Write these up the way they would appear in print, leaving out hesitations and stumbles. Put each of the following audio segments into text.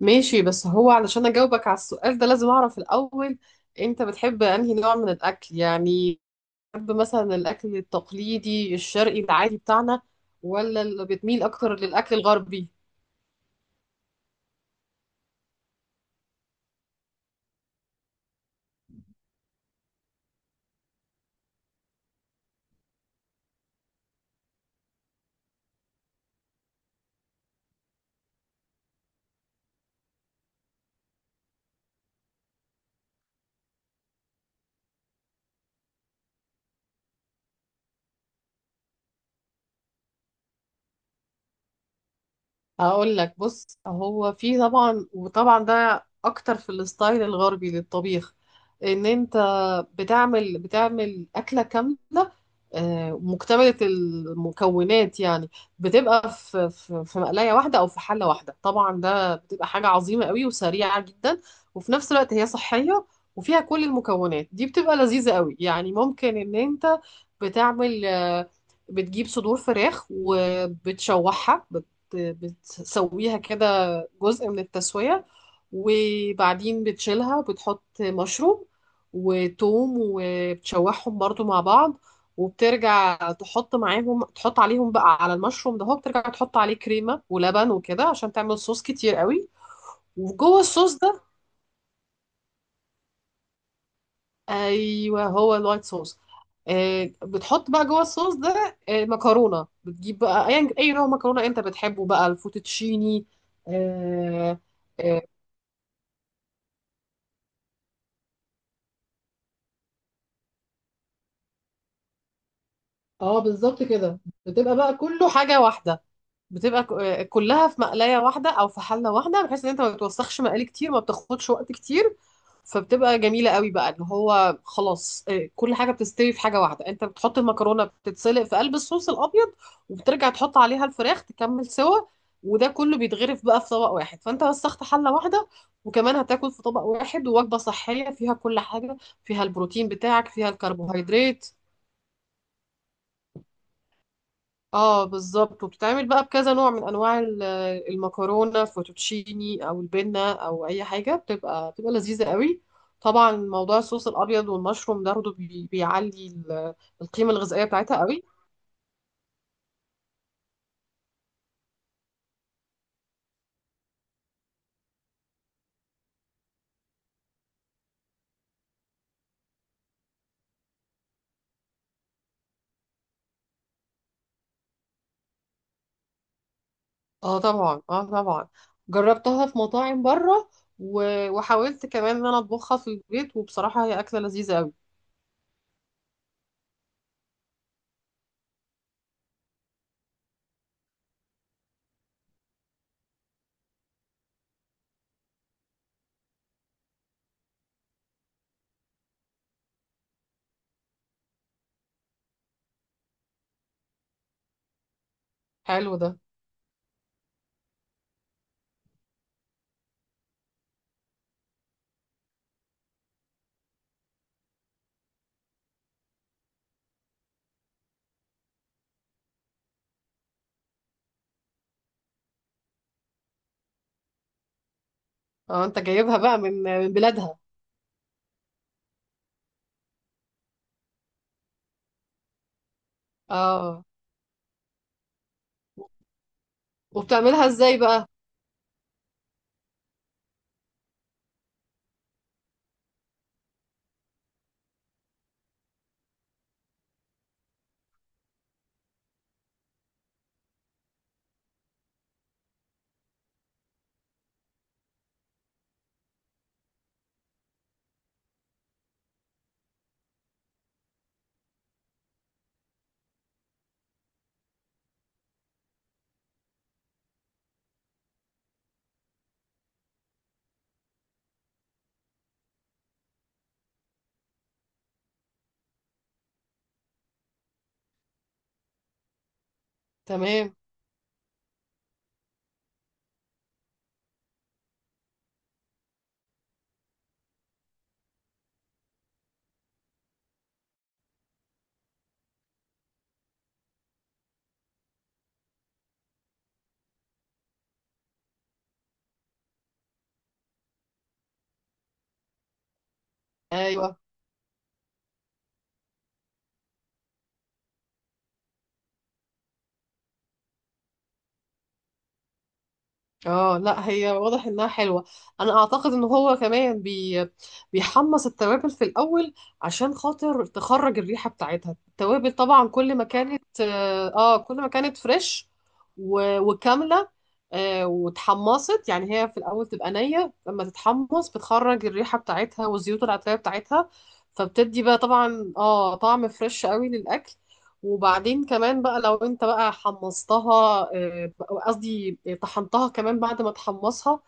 ماشي، بس هو علشان اجاوبك على السؤال ده لازم اعرف الاول. انت بتحب انهي نوع من الاكل يعني؟ بتحب مثلا الاكل التقليدي الشرقي العادي بتاعنا، ولا اللي بتميل اكتر للاكل الغربي؟ هقول لك، بص، هو في طبعا ده اكتر في الستايل الغربي للطبيخ، ان انت بتعمل اكله كامله، مكتمله المكونات. يعني بتبقى في مقلايه واحده او في حله واحده، طبعا ده بتبقى حاجه عظيمه قوي وسريعه جدا، وفي نفس الوقت هي صحيه، وفيها كل المكونات دي بتبقى لذيذه قوي. يعني ممكن ان انت بتعمل آه، بتجيب صدور فراخ وبتشوحها، بتسويها كده جزء من التسوية، وبعدين بتشيلها، بتحط مشروم وتوم وبتشوحهم برضو مع بعض، وبترجع تحط معاهم، تحط عليهم بقى، على المشروم ده هو بترجع تحط عليه كريمة ولبن وكده عشان تعمل صوص كتير قوي وجوه الصوص ده. ايوه، هو الوايت صوص. بتحط بقى جوه الصوص ده مكرونه، بتجيب بقى أي نوع مكرونه انت بتحبه، بقى الفوتوتشيني. آه، آه، اه، بالظبط كده، بتبقى بقى كله حاجة واحدة، بتبقى كلها في مقلاية واحدة او في حلة واحدة، بحيث ان انت ما بتوسخش مقالي كتير، ما بتاخدش وقت كتير، فبتبقى جميلة قوي بقى، اللي هو خلاص، كل حاجة بتستوي في حاجة واحدة. انت بتحط المكرونة بتتسلق في قلب الصوص الابيض، وبترجع تحط عليها الفراخ تكمل سوا، وده كله بيتغرف بقى في طبق واحد، فانت وسخت حلة واحدة، وكمان هتاكل في طبق واحد، ووجبة صحية فيها كل حاجة، فيها البروتين بتاعك، فيها الكربوهيدرات. اه، بالظبط، وبتتعمل بقى بكذا نوع من انواع المكرونه، فوتوتشيني او البنه او اي حاجه، بتبقى لذيذه قوي. طبعا موضوع الصوص الابيض والمشروم ده برضه بيعلي القيمه الغذائيه بتاعتها قوي. اه طبعا، اه طبعا، جربتها في مطاعم بره. وحاولت كمان ان انا اطبخها في البيت، وبصراحه هي اكله لذيذه قوي. حلو ده. اه، انت جايبها بقى من بلادها. اه، وبتعملها ازاي بقى؟ تمام، ايوه. اه لا، هي واضح انها حلوه. انا اعتقد ان هو كمان بيحمص التوابل في الاول، عشان خاطر تخرج الريحه بتاعتها. التوابل طبعا، كل ما كانت اه، كل ما كانت فريش وكامله وتحمصت، يعني هي في الاول تبقى نيه، لما تتحمص بتخرج الريحه بتاعتها والزيوت العطريه بتاعتها، فبتدي بقى طبعا اه طعم فريش قوي للاكل. وبعدين كمان بقى لو انت بقى حمصتها، آه، قصدي طحنتها كمان بعد ما تحمصها،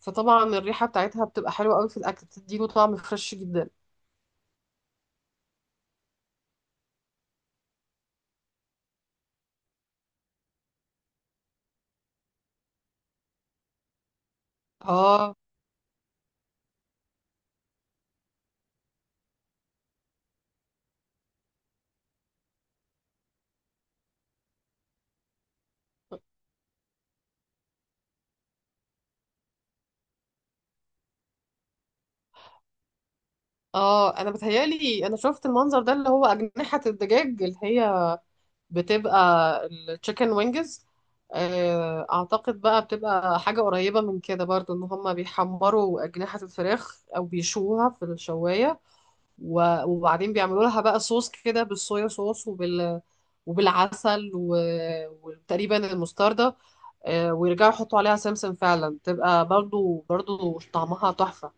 فطبعا الريحة بتاعتها بتبقى حلوة قوي في الأكل، بتديله طعم فريش جدا. اه اه، انا بتهيالي انا شفت المنظر ده، اللي هو أجنحة الدجاج اللي هي بتبقى التشيكن وينجز. اعتقد بقى بتبقى حاجة قريبة من كده برضو، ان هما بيحمروا أجنحة الفراخ او بيشوها في الشواية، وبعدين بيعملوا لها بقى صوص كده بالصويا صوص وبال، وبالعسل، و... وتقريبا المستردة. ويرجعوا يحطوا عليها سمسم، فعلا تبقى برضو برضو طعمها تحفة.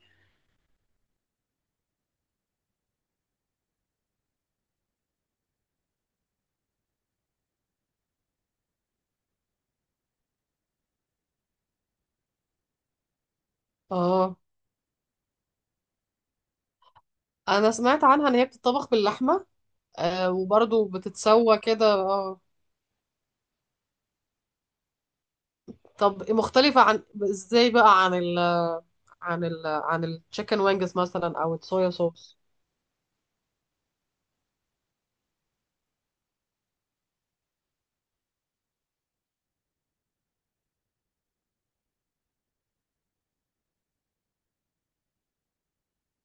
اه، انا سمعت عنها ان هي بتطبخ باللحمة وبرضو بتتسوى كده اه. طب مختلفة عن، ازاي بقى عن التشيكن وينجز مثلا او الصويا صوص؟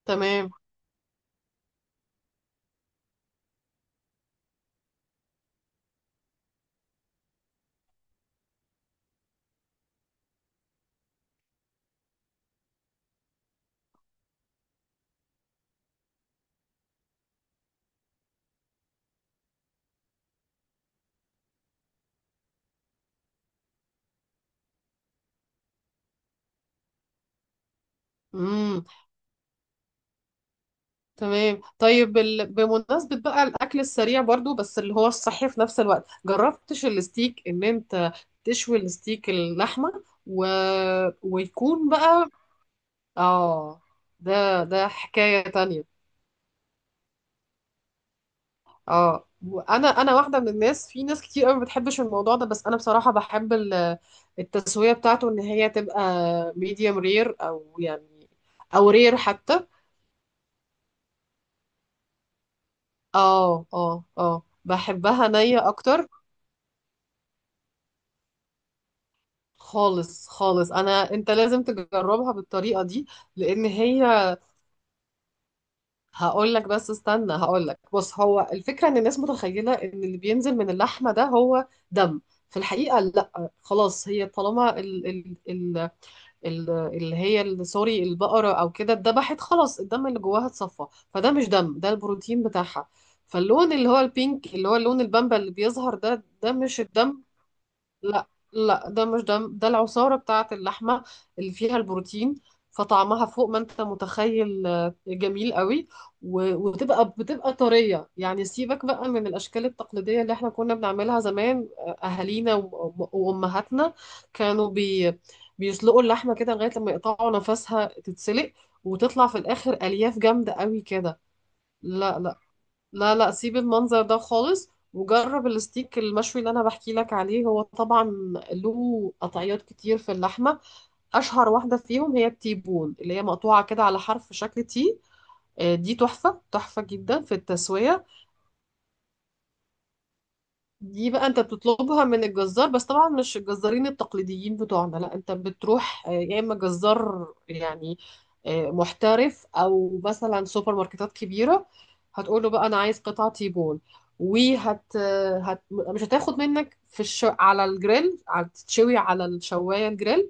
تمام. امم، تمام. طيب بمناسبة بقى الأكل السريع برضو، بس اللي هو الصحي في نفس الوقت، جربتش الستيك إن أنت تشوي الستيك، اللحمة، و... ويكون بقى آه ده حكاية تانية. وأنا واحدة من الناس، في ناس كتير قوي ما بتحبش الموضوع ده، بس أنا بصراحة بحب التسوية بتاعته، إن هي تبقى ميديوم رير، أو يعني أو رير حتى. آه آه آه، بحبها نية أكتر. خالص خالص، انا، انت لازم تجربها بالطريقه دي، لان هي، هقول لك، بس استنى، هقول لك، بص، هو الفكره ان الناس متخيله ان اللي بينزل من اللحمه ده هو دم. في الحقيقه لا، خلاص هي طالما ال ال ال ال اللي هي سوري، البقره او كده اتذبحت، خلاص الدم اللي جواها اتصفى، فده مش دم، ده البروتين بتاعها. فاللون اللي هو البينك، اللي هو اللون البامبا اللي بيظهر ده ده مش الدم. لا لا، ده مش ده العصارة بتاعة اللحمة اللي فيها البروتين، فطعمها فوق ما انت متخيل جميل قوي. وبتبقى طرية، يعني سيبك بقى من الأشكال التقليدية اللي احنا كنا بنعملها زمان، أهالينا وأمهاتنا كانوا بيسلقوا اللحمة كده، لغاية لما يقطعوا نفسها تتسلق، وتطلع في الآخر ألياف جامدة قوي كده. لا لا، لا لا، سيب المنظر ده خالص وجرب الستيك المشوي اللي انا بحكي لك عليه. هو طبعا له قطعيات كتير في اللحمه، اشهر واحده فيهم هي التيبون، اللي هي مقطوعه كده على حرف شكل تي. دي تحفه، تحفه جدا في التسويه. دي بقى انت بتطلبها من الجزار، بس طبعا مش الجزارين التقليديين بتوعنا، لا انت بتروح يا اما جزار يعني محترف، او مثلا سوبر ماركتات كبيره. هتقول له بقى انا عايز قطعه تيبول، مش هتاخد منك في على الجريل، على تتشوي على الشوايه الجريل،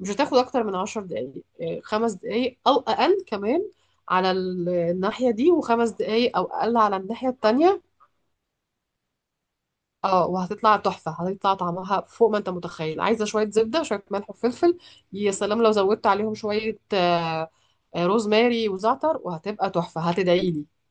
مش هتاخد اكتر من 10 دقايق، 5 دقايق او اقل كمان على الناحيه دي، وخمس دقايق او اقل على الناحيه التانيه. اه، وهتطلع تحفة، هتطلع طعمها فوق ما انت متخيل، عايزة شوية زبدة، شوية ملح وفلفل. يا سلام لو زودت عليهم شوية روزماري وزعتر، وهتبقى تحفة هتدعيلي.